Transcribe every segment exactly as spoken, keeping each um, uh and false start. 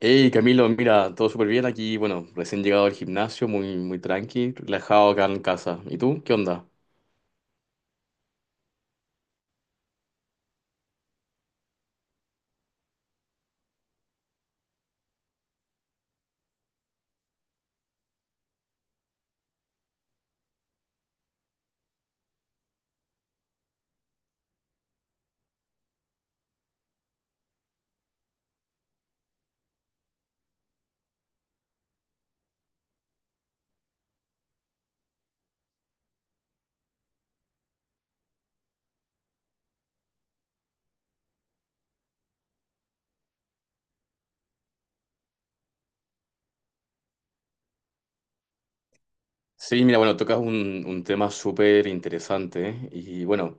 Hey Camilo, mira, todo súper bien aquí. Bueno, recién llegado al gimnasio, muy, muy tranqui, relajado acá en casa. ¿Y tú? ¿Qué onda? Sí, mira, bueno, tocas un, un tema súper interesante, ¿eh? Y bueno,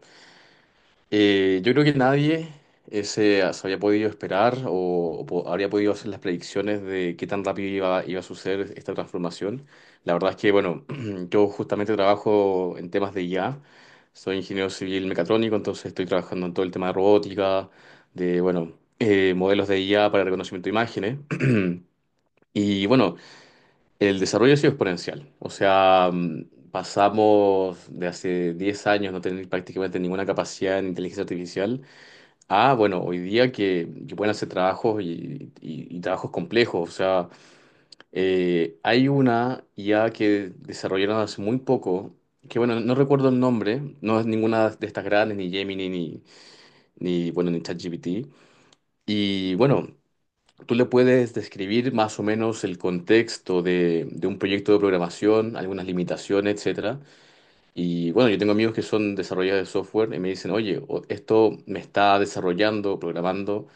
Eh, yo creo que nadie eh, se, se había podido esperar o, o po- habría podido hacer las predicciones de qué tan rápido iba, iba a suceder esta transformación. La verdad es que, bueno, yo justamente trabajo en temas de I A, soy ingeniero civil mecatrónico, entonces estoy trabajando en todo el tema de robótica, de, bueno, eh, modelos de I A para reconocimiento de imágenes. Y bueno, el desarrollo ha sido exponencial. O sea, mm, pasamos de hace diez años no tener prácticamente ninguna capacidad en inteligencia artificial. Ah, bueno, hoy día que que pueden hacer trabajos y, y- y trabajos complejos. O sea, eh, hay una I A que desarrollaron hace muy poco, que bueno, no recuerdo el nombre, no es ninguna de estas grandes, ni Gemini, ni, ni bueno, ni ChatGPT. Y bueno, tú le puedes describir más o menos el contexto de, de un proyecto de programación, algunas limitaciones, etcétera. Y bueno, yo tengo amigos que son desarrolladores de software y me dicen, oye, o- esto me está desarrollando, programando.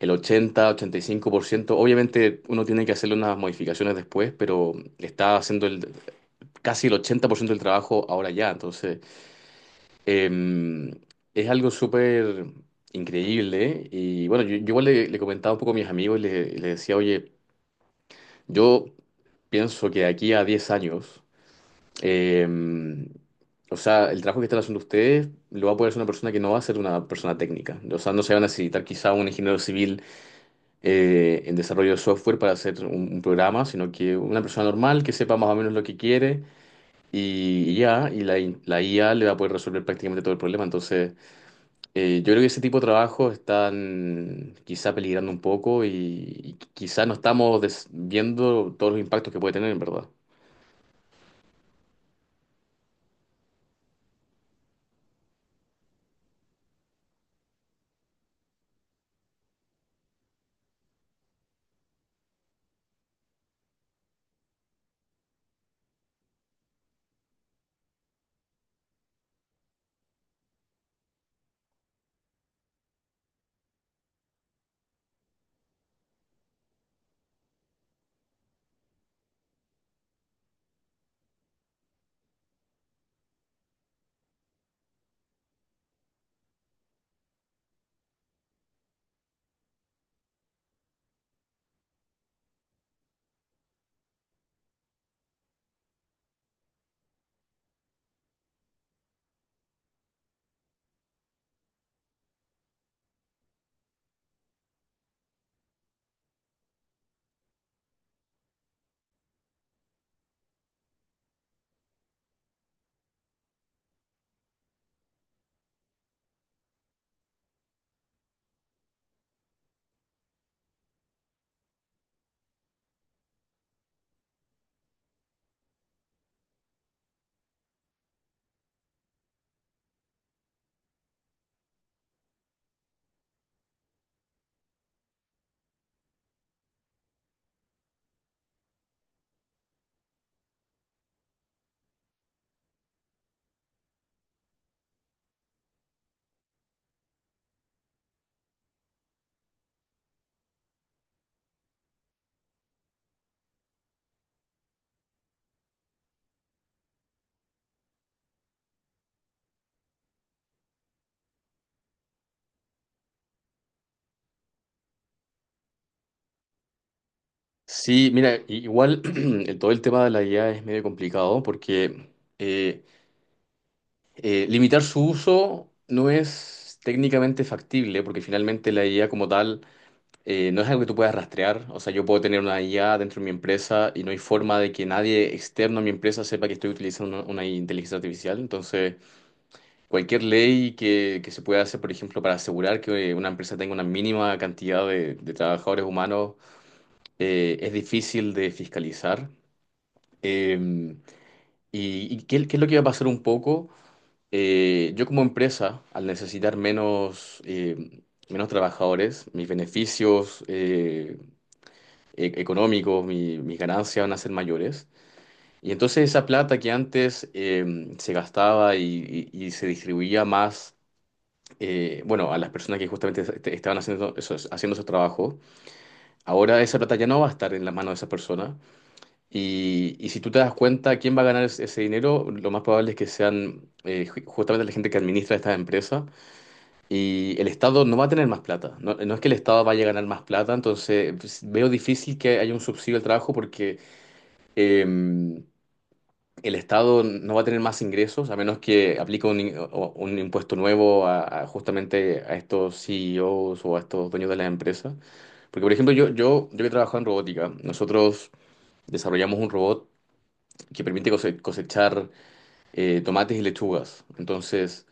El ochenta, ochenta y cinco por ciento, obviamente uno tiene que hacerle unas modificaciones después, pero está haciendo el, casi el ochenta por ciento del trabajo ahora ya. Entonces, eh, es algo súper increíble. Y bueno, yo, yo igual le, le comentaba un poco a mis amigos y le- les decía, oye, yo pienso que de aquí a diez años, eh, o sea, el trabajo que están haciendo ustedes lo va a poder hacer una persona que no va a ser una persona técnica. O sea, no se va a necesitar quizá un ingeniero civil eh, en desarrollo de software para hacer un, un programa, sino que una persona normal que sepa más o menos lo que quiere y, y ya, y la, I- la I A le va a poder resolver prácticamente todo el problema. Entonces, eh, yo creo que ese tipo de trabajos están quizá peligrando un poco y, y quizá no estamos des- viendo todos los impactos que puede tener, en verdad. Sí, mira, i- igual el- todo el tema de la I A es medio complicado porque eh, eh, limitar su uso no es técnicamente factible, porque finalmente la I A como tal eh, no es algo que tú puedas rastrear. O sea, yo puedo tener una I A dentro de mi empresa y no hay forma de que nadie externo a mi empresa sepa que estoy utilizando una, una inteligencia artificial. Entonces, cualquier ley que, que se pueda hacer, por ejemplo, para asegurar que eh, una empresa tenga una mínima cantidad de, de trabajadores humanos, eh, es difícil de fiscalizar. Eh, ¿y, y qué, qué es lo que va a pasar un poco? Eh, yo como empresa, al necesitar menos... eh, menos trabajadores, mis beneficios, eh, e- económicos, mi- mis ganancias van a ser mayores. Y entonces esa plata que antes eh, se gastaba y, y- y se distribuía más, eh, bueno, a las personas que justamente est- estaban haciendo esos, haciendo esos trabajos, ahora esa plata ya no va a estar en las manos de esas personas. Y, y si tú te das cuenta quién va a ganar es- ese dinero, lo más probable es que sean eh, ju- justamente la gente que administra estas empresas. Y el Estado no va a tener más plata. No, no es que el Estado vaya a ganar más plata, entonces pues, veo difícil que haya un subsidio al trabajo porque eh, el Estado no va a tener más ingresos a menos que aplique un, in- o- un impuesto nuevo a, a justamente a estos C E Os o a estos dueños de las empresas. Porque, por ejemplo, yo, yo, yo que he trabajado en robótica, nosotros desarrollamos un robot que permite cose- cosechar eh, tomates y lechugas. Entonces,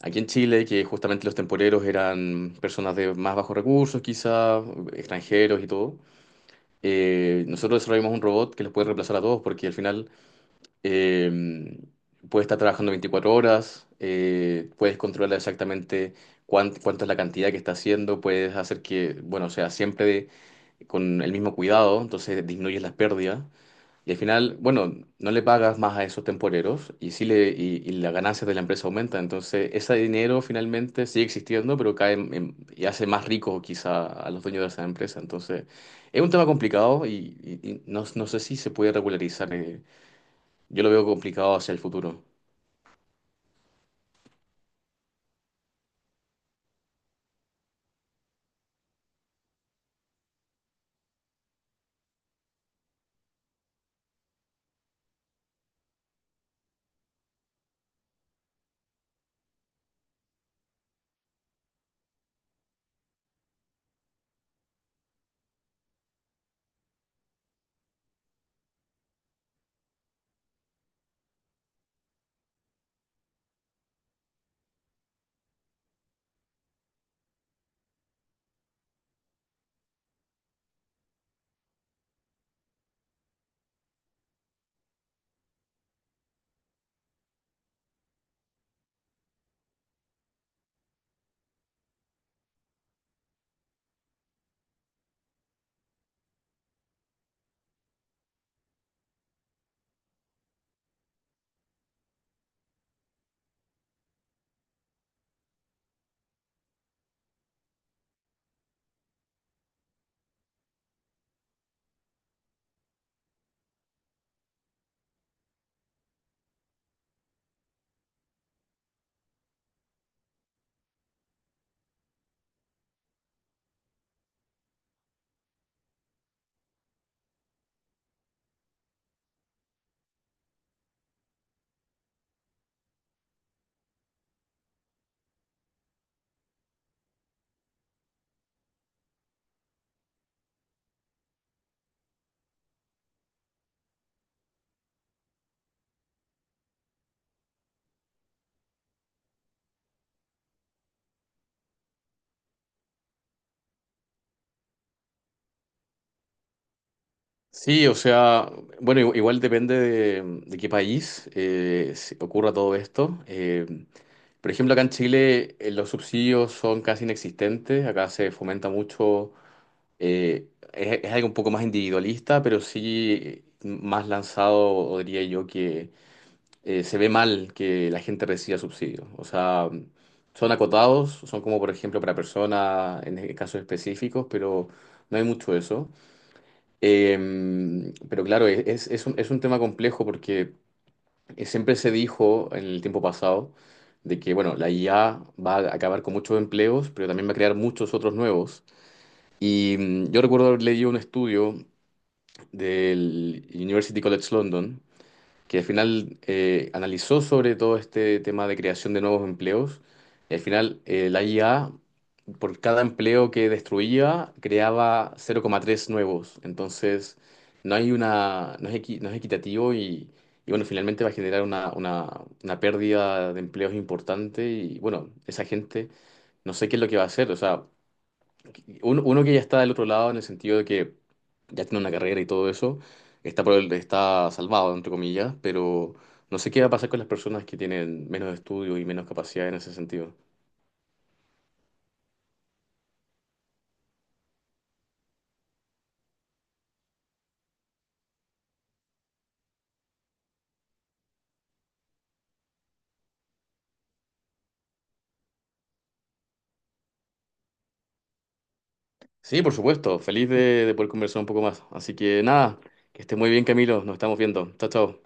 aquí en Chile, que justamente los temporeros eran personas de más bajos recursos, quizá, extranjeros y todo, eh, nosotros desarrollamos un robot que los puede reemplazar a todos, porque al final Eh, puedes estar trabajando veinticuatro horas, eh, puedes controlar exactamente cuán- cuánto es la cantidad que está haciendo, puedes hacer que, bueno, sea siempre de- con el mismo cuidado, entonces disminuyes las pérdidas. Y al final, bueno, no le pagas más a esos temporeros y sí le, y, y las ganancias de la empresa aumentan. Entonces, ese dinero finalmente sigue existiendo, pero cae en- en- y hace más rico quizá a los dueños de esa empresa. Entonces, es un tema complicado y, y- y no, no sé si se puede regularizar. Eh, yo lo veo complicado hacia el futuro. Sí, o sea, bueno, igu- igual depende de, de qué país eh, se- ocurra todo esto. Eh, por ejemplo, acá en Chile eh, los subsidios son casi inexistentes, acá se fomenta mucho, eh, es, es algo un poco más individualista, pero sí mm, más lanzado, diría yo, que eh, se ve mal que la gente reciba subsidios. O sea, son acotados, son como por ejemplo para personas en casos específicos, pero no hay mucho eso. Em, pero claro, e- es, es un, es un tema complejo porque siempre se dijo en el tiempo pasado de que, bueno, la I A va a acabar con muchos empleos, pero también va a crear muchos otros nuevos. Y mm, yo recuerdo haber leído un estudio del University College London que al final eh, analizó sobre todo este tema de creación de nuevos empleos. Y al final eh, la I A, por cada empleo que destruía, creaba cero coma tres nuevos. Entonces, no hay una, no es equi- no es equitativo y, y, bueno, finalmente va a generar una, una, una pérdida de empleos importante. Y bueno, esa gente, no sé qué es lo que va a hacer. O sea, uno, uno que ya está del otro lado en el sentido de que ya tiene una carrera y todo eso, está, por el- está salvado, entre comillas, pero no sé qué va a pasar con las personas que tienen menos estudio y menos capacidad en ese sentido. Sí, por supuesto, feliz de, de poder conversar un poco más. Así que nada, que esté muy bien, Camilo, nos estamos viendo. Chao, chao.